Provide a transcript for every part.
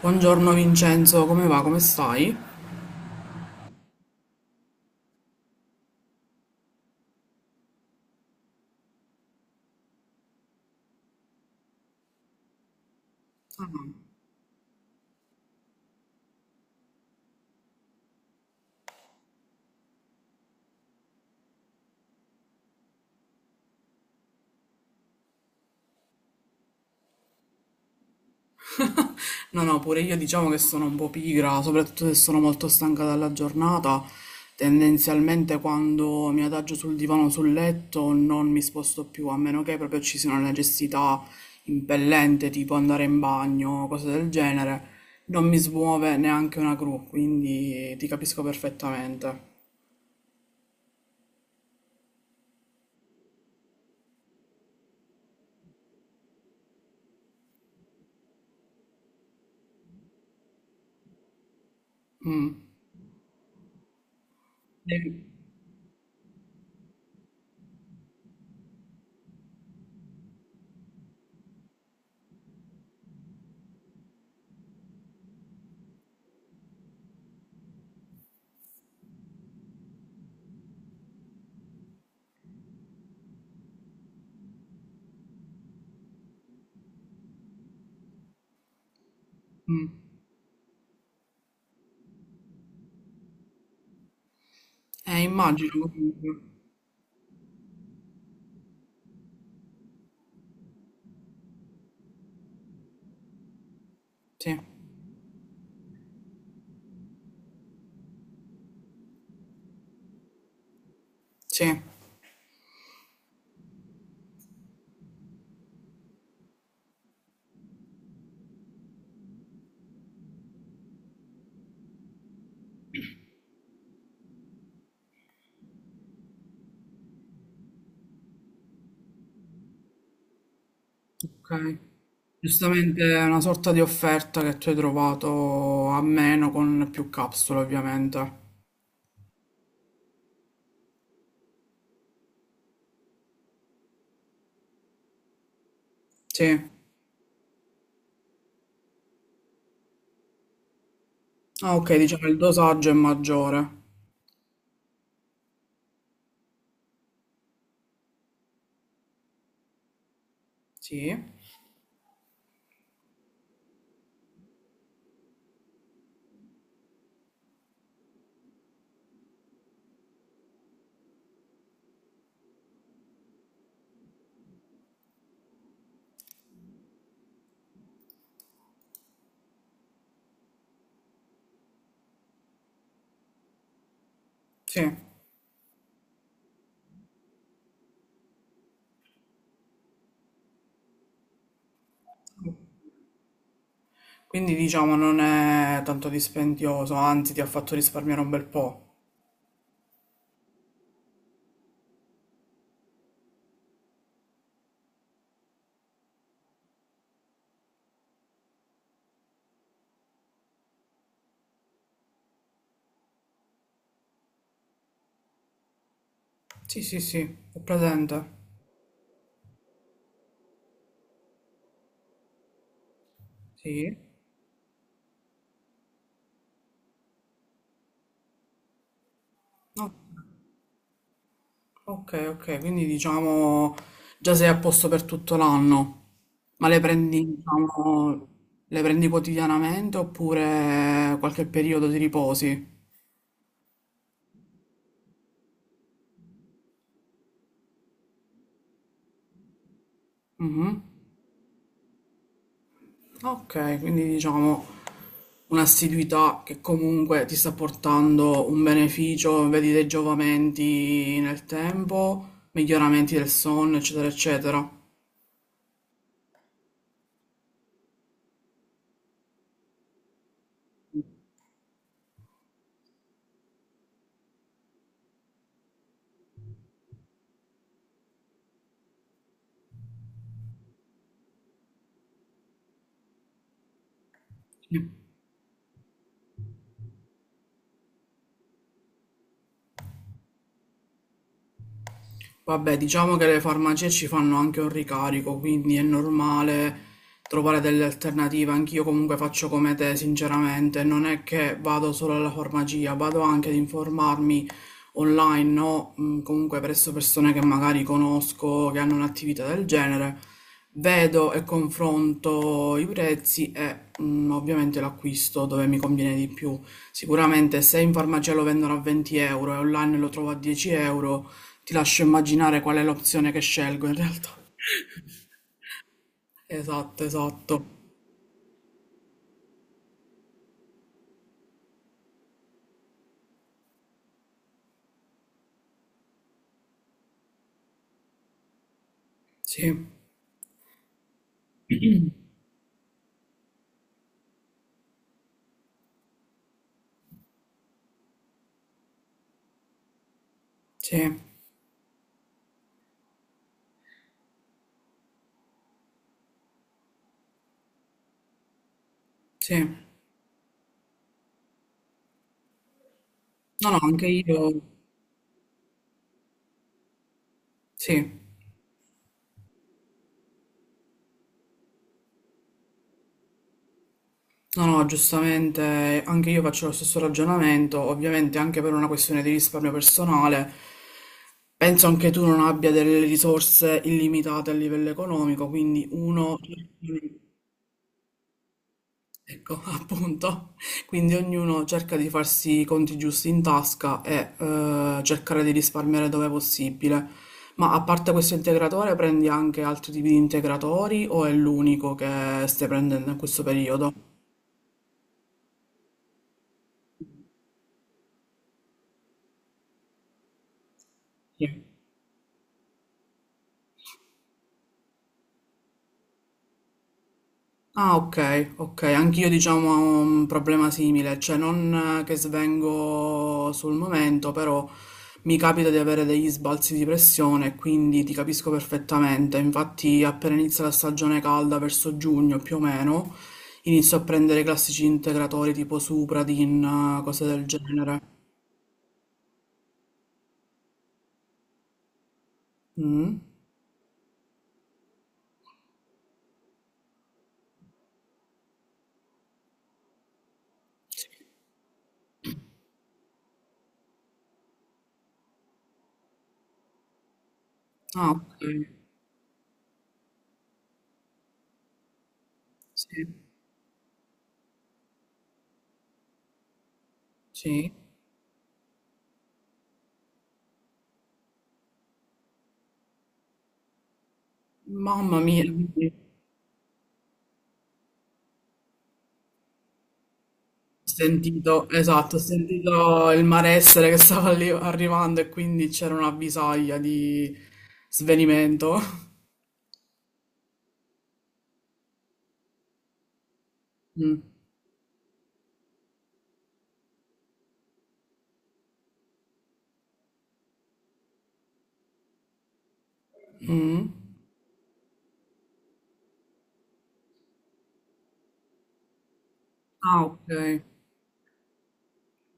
Buongiorno Vincenzo, come va? Come stai? No, no, pure io diciamo che sono un po' pigra, soprattutto se sono molto stanca dalla giornata. Tendenzialmente quando mi adagio sul divano, o sul letto, non mi sposto più, a meno che proprio ci sia una necessità impellente, tipo andare in bagno, cose del genere. Non mi smuove neanche una gru, quindi ti capisco perfettamente. Mm. Eh, mm. Immagino comunque. Sì, sì. Ok. Giustamente è una sorta di offerta che tu hai trovato a meno con più capsule, ovviamente. Sì. Ah, ok, diciamo il dosaggio è maggiore. Sì. Sì. Quindi diciamo non è tanto dispendioso, anzi ti ha fatto risparmiare un bel po'. Sì, sì, sì, ho presente. Sì. No. Ok, ok, quindi diciamo già sei a posto per tutto l'anno, ma le prendi, diciamo, le prendi quotidianamente oppure qualche periodo di riposi? Mhm. Ok, quindi diciamo un'assiduità che comunque ti sta portando un beneficio, vedi dei giovamenti nel tempo, miglioramenti del sonno, eccetera, eccetera. Vabbè, diciamo che le farmacie ci fanno anche un ricarico, quindi è normale trovare delle alternative. Anch'io comunque faccio come te, sinceramente. Non è che vado solo alla farmacia, vado anche ad informarmi online, no? Comunque presso persone che magari conosco, che hanno un'attività del genere. Vedo e confronto i prezzi e ovviamente l'acquisto dove mi conviene di più. Sicuramente se in farmacia lo vendono a 20 € e online lo trovo a 10 euro, ti lascio immaginare qual è l'opzione che scelgo in realtà. Esatto, esatto. Sì, sì, sì. No, no, anche io. Sì. No, no, giustamente anche io faccio lo stesso ragionamento, ovviamente anche per una questione di risparmio personale. Penso anche tu non abbia delle risorse illimitate a livello economico, quindi uno ecco, appunto. Quindi ognuno cerca di farsi i conti giusti in tasca e cercare di risparmiare dove possibile. Ma a parte questo integratore, prendi anche altri tipi di integratori o è l'unico che stai prendendo in questo periodo? Sì. Ah, ok, ok, anch'io diciamo ho un problema simile, cioè non che svengo sul momento, però mi capita di avere degli sbalzi di pressione, quindi ti capisco perfettamente. Infatti, appena inizia la stagione calda, verso giugno più o meno, inizio a prendere i classici integratori tipo Supradin, cose del genere. Mm. Ah, ok, sì, sì. Mamma mia. Sentito, esatto, ho sentito il malessere che stava lì arrivando e quindi c'era una visaglia di svenimento. Mm. Mm. Ah, ok.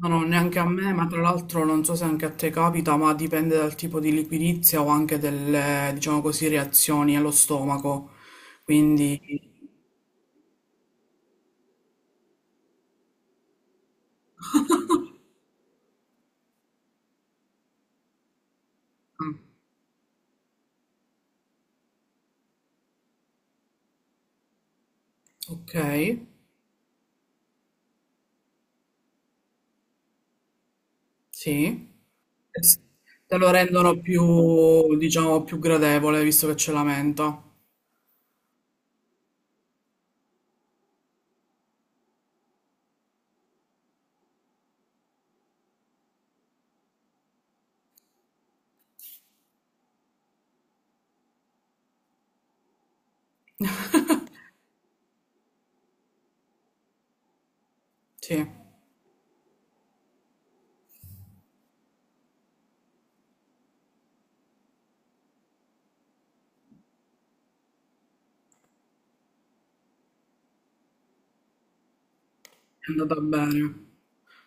No, no, neanche a me, ma tra l'altro non so se anche a te capita, ma dipende dal tipo di liquidizia o anche delle, diciamo così, reazioni allo stomaco. Quindi, ah, ok, sì. Es- Te lo rendono più, diciamo, più gradevole, visto che c'è la menta. Sì. È andata bene.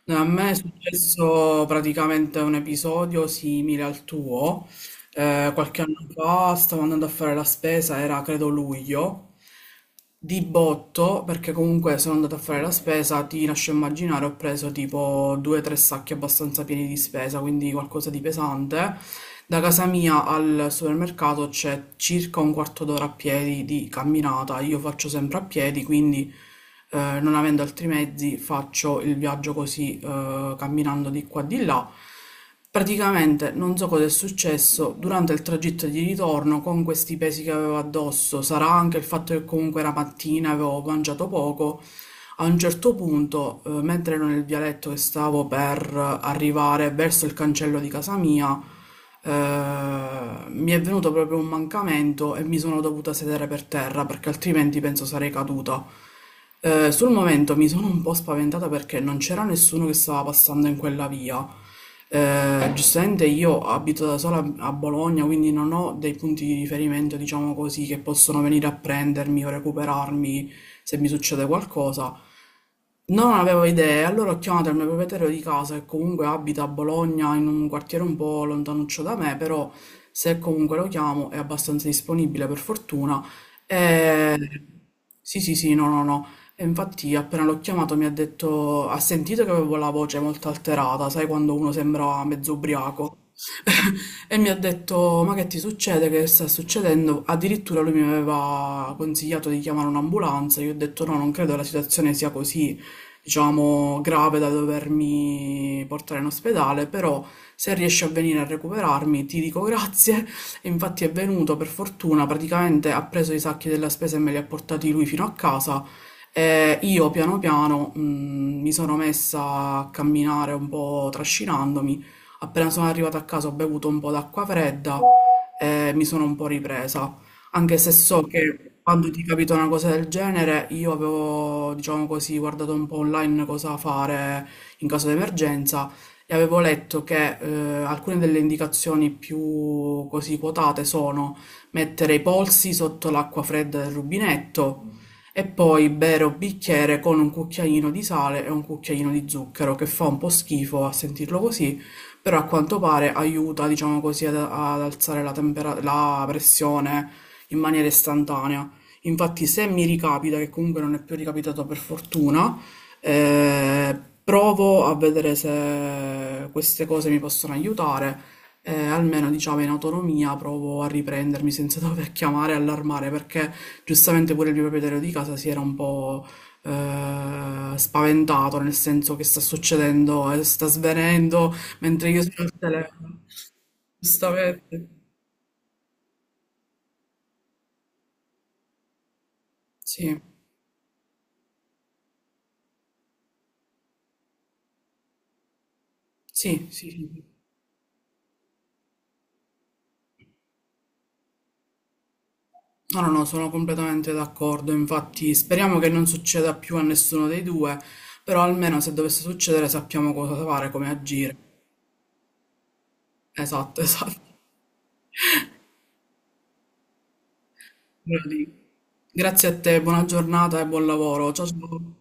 No, a me è successo praticamente un episodio simile al tuo. Qualche anno fa stavo andando a fare la spesa, era credo luglio, di botto, perché comunque sono andata a fare la spesa, ti lascio immaginare, ho preso tipo due o tre sacchi abbastanza pieni di spesa, quindi qualcosa di pesante. Da casa mia al supermercato c'è circa un quarto d'ora a piedi di camminata, io faccio sempre a piedi, quindi non avendo altri mezzi faccio il viaggio così camminando di qua e di là. Praticamente non so cosa è successo durante il tragitto di ritorno con questi pesi che avevo addosso. Sarà anche il fatto che comunque era mattina, avevo mangiato poco. A un certo punto, mentre ero nel vialetto che stavo per arrivare verso il cancello di casa mia, mi è venuto proprio un mancamento e mi sono dovuta sedere per terra perché altrimenti penso sarei caduta. Sul momento mi sono un po' spaventata perché non c'era nessuno che stava passando in quella via. Giustamente io abito da sola a Bologna, quindi non ho dei punti di riferimento, diciamo così, che possono venire a prendermi o recuperarmi se mi succede qualcosa. Non avevo idea, allora ho chiamato il mio proprietario di casa che comunque abita a Bologna in un quartiere un po' lontanuccio da me, però se comunque lo chiamo è abbastanza disponibile per fortuna. E... sì, sì, sì, no, no, no. E infatti appena l'ho chiamato mi ha detto, ha sentito che avevo la voce molto alterata, sai quando uno sembra mezzo ubriaco? E mi ha detto, ma che ti succede? Che sta succedendo? Addirittura lui mi aveva consigliato di chiamare un'ambulanza, io ho detto no, non credo la situazione sia così diciamo, grave da dovermi portare in ospedale, però se riesce a venire a recuperarmi ti dico grazie. E infatti è venuto per fortuna, praticamente ha preso i sacchi della spesa e me li ha portati lui fino a casa. E io piano piano mi sono messa a camminare un po' trascinandomi. Appena sono arrivata a casa ho bevuto un po' d'acqua fredda e mi sono un po' ripresa. Anche se so che quando ti capita una cosa del genere, io avevo, diciamo così, guardato un po' online cosa fare in caso di emergenza e avevo letto che alcune delle indicazioni più così quotate sono mettere i polsi sotto l'acqua fredda del rubinetto e poi bere un bicchiere con un cucchiaino di sale e un cucchiaino di zucchero, che fa un po' schifo a sentirlo così, però a quanto pare aiuta, diciamo così, ad alzare la la pressione in maniera istantanea. Infatti, se mi ricapita, che comunque non è più ricapitato per fortuna, provo a vedere se queste cose mi possono aiutare. Almeno diciamo in autonomia provo a riprendermi senza dover chiamare e allarmare perché giustamente pure il mio proprietario di casa si era un po' spaventato nel senso che sta succedendo e sta svenendo mentre io sono al telefono. Giustamente. Sì, sì, sì, sì. No, no, no, sono completamente d'accordo. Infatti, speriamo che non succeda più a nessuno dei due, però almeno se dovesse succedere sappiamo cosa fare, come agire. Esatto, esatto. Quello lì. Grazie a te, buona giornata e buon lavoro. Ciao ciao.